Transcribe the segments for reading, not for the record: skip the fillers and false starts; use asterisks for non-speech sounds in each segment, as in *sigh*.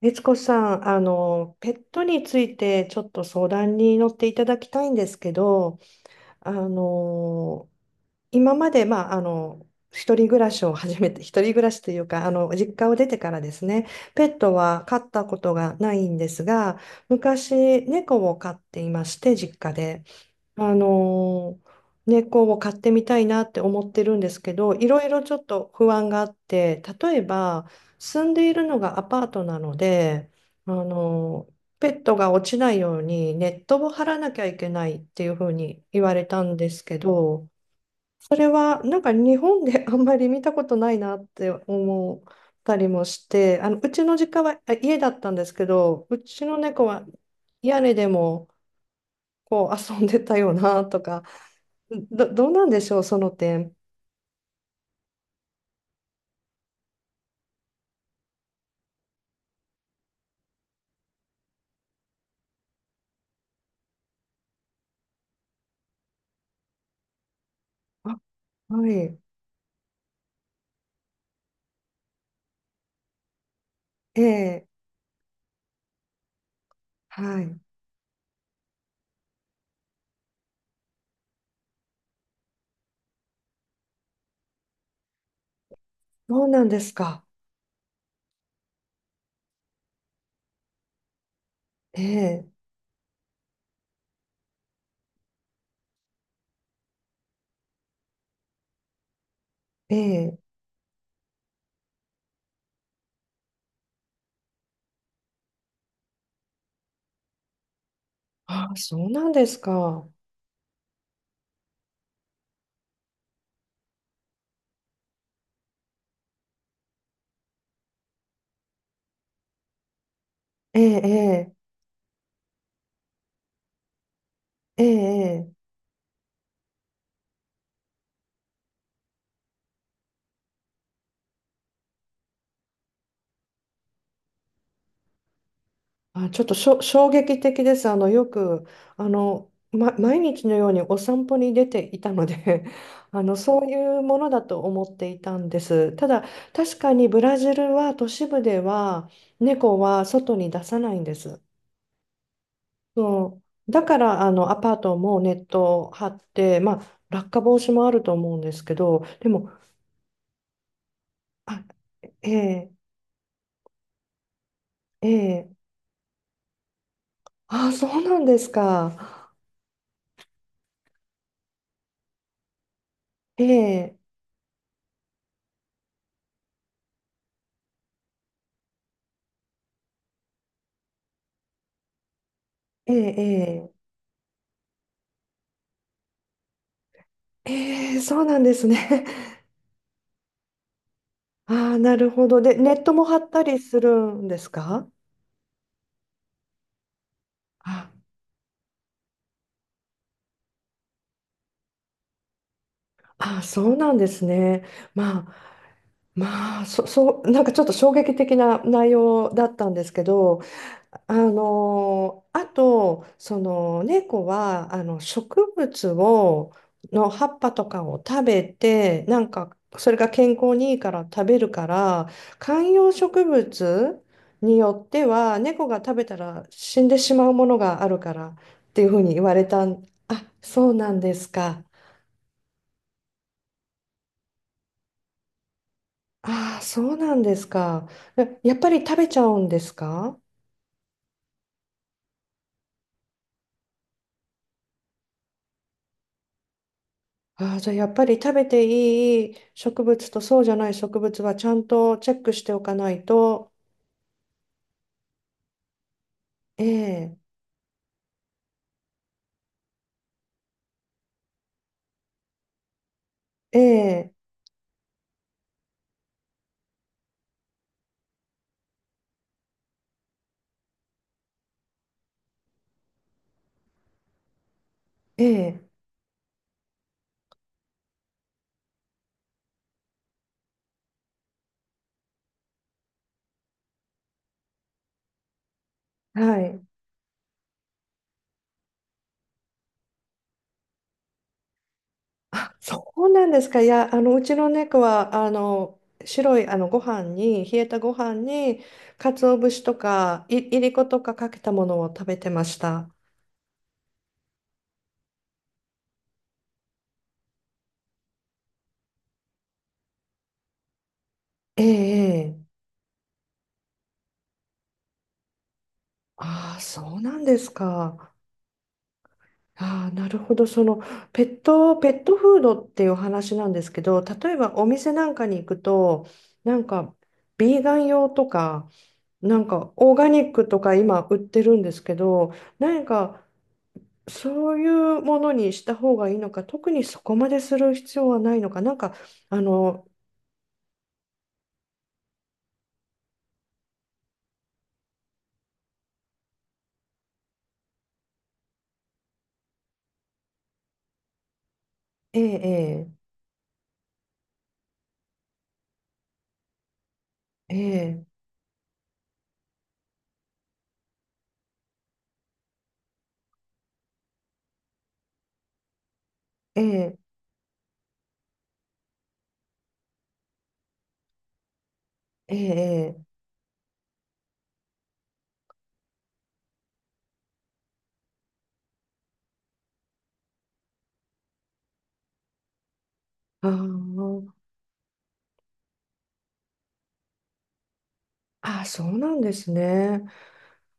律子さん、ペットについてちょっと相談に乗っていただきたいんですけど、あの、今まで、まあ、一人暮らしを始めて、一人暮らしというか、実家を出てからですね、ペットは飼ったことがないんですが、昔、猫を飼っていまして、実家で。あのー猫を飼ってみたいなって思ってるんですけど、いろいろちょっと不安があって、例えば住んでいるのがアパートなので、あのーペットが落ちないようにネットを張らなきゃいけないっていうふうに言われたんですけど、それはなんか日本で *laughs* あんまり見たことないなって思ったりもして、あのうちの実家は家だったんですけど、うちの猫は屋根でもこう遊んでたよなとか。どうなんでしょう、その点。あ、はい。ええ、はい。そうなんですか。ええ、ええ。あ、そうなんですか。ええ、ええ、ええ。ええ、あ、ちょっと衝撃的です。よく、毎日のようにお散歩に出ていたので *laughs* そういうものだと思っていたんです。ただ、確かにブラジルは都市部では猫は外に出さないんです。そう。だから、アパートもネット張って、まあ、落下防止もあると思うんですけど、でも、あ、ええ、ええ、あ、そうなんですか。ええ、ええ、ええ、ええ、そうなんですね。*laughs* ああ、なるほど。で、ネットも張ったりするんですか？あ、あ、そうなんですね。まあ、まあ、そう、なんかちょっと衝撃的な内容だったんですけど、あとその猫はあの植物をの葉っぱとかを食べて、なんかそれが健康にいいから食べるから、観葉植物によっては猫が食べたら死んでしまうものがあるからっていうふうに言われたん、あ、そうなんですか。ああ、そうなんですか。え、やっぱり食べちゃうんですか？ああ、じゃあやっぱり食べていい植物とそうじゃない植物はちゃんとチェックしておかないと。ええ、ええ、ええ、はい。あ、そうなんですか。いや、うちの猫は、白い、ご飯に、冷えたご飯に、鰹節とか、いりことかかけたものを食べてました。ええ、ええ、ああ、そうなんですか。ああ、なるほど。そのペットフードっていうお話なんですけど、例えばお店なんかに行くと、なんかビーガン用とか、なんかオーガニックとか今売ってるんですけど、何かそういうものにした方がいいのか、特にそこまでする必要はないのか、なんか、あの、ええ、ええ、ええ、ええ、ええ、あー、あー、そうなんですね。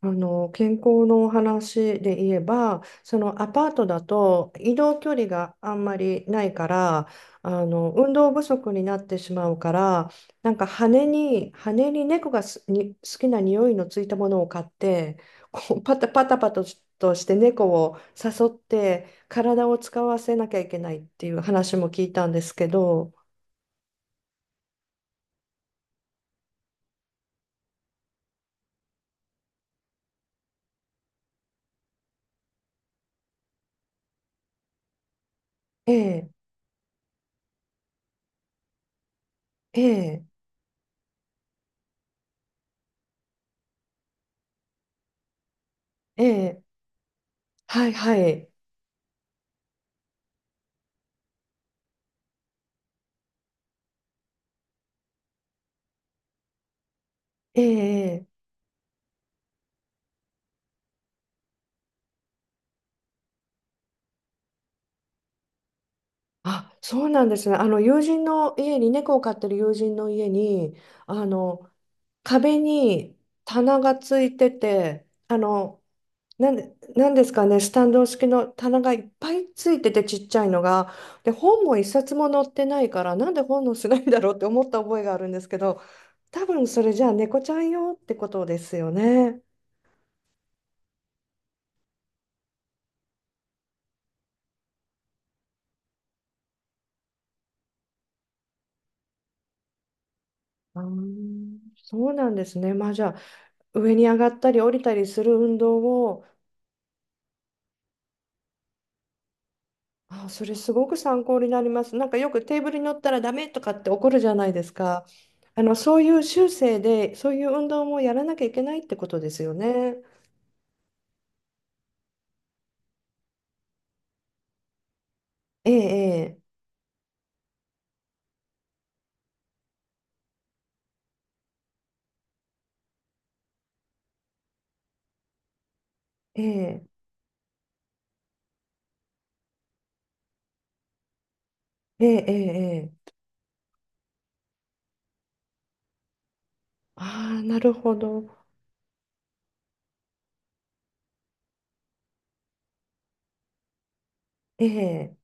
健康のお話で言えば、そのアパートだと移動距離があんまりないから、運動不足になってしまうから、なんか羽に猫が好きな匂いのついたものを買って、こうパタパタパタとして猫を誘って体を使わせなきゃいけないっていう話も聞いたんですけど、ええ、ええ、ええ、はいはい、ええ、え、あ、そうなんですね。あの友人の家に猫を飼ってる友人の家に、あの壁に棚がついてて、なんですかね、スタンド式の棚がいっぱいついててちっちゃいのが、で本も一冊も載ってないから、なんで本のしないだろうって思った覚えがあるんですけど、多分それじゃあ猫ちゃん用ってことですよね。あー、そうなんですね。まあ、じゃあ上に上がったり降りたりする運動を、あ、それすごく参考になります。なんかよくテーブルに乗ったらダメとかって怒るじゃないですか。そういう修正で、そういう運動もやらなきゃいけないってことですよね。ええ、ええ、ええ、ええ、ええ。ああ、なるほど。ええ。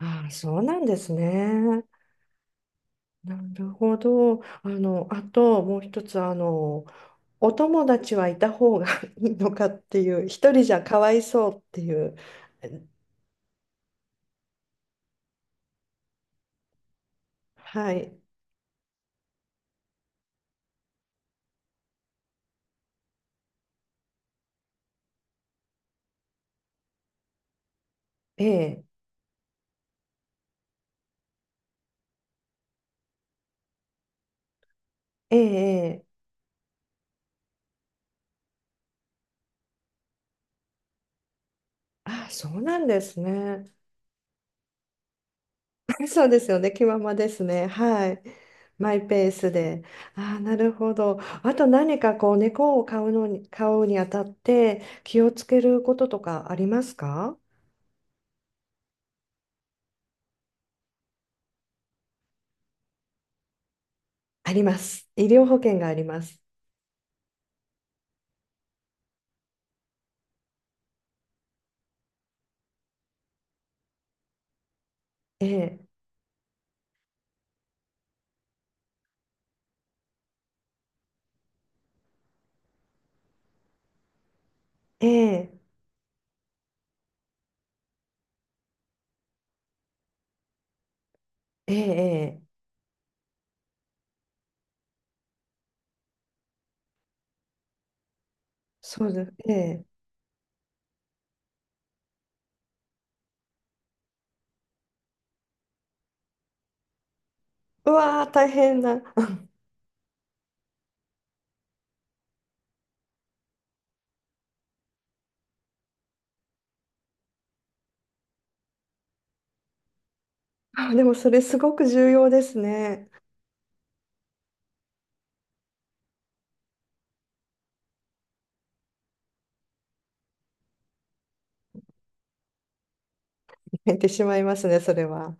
ああ、そうなんですね。なるほど。あともう一つ、お友達はいた方が *laughs* いいのかっていう、一人じゃかわいそうっていう、はい。ええ、ええ、え、あ、そうなんですね。*laughs* そうですよね。気ままですね。はい。マイペースで。ああ、なるほど。あと何かこう猫を飼うにあたって気をつけることとかありますか？あります。医療保険があります。ええ、ええ、ええ、ええ、そうです。ええ。うわー、大変な。*laughs* あ、でもそれすごく重要ですね。*laughs* 泣いてしまいますね、それは。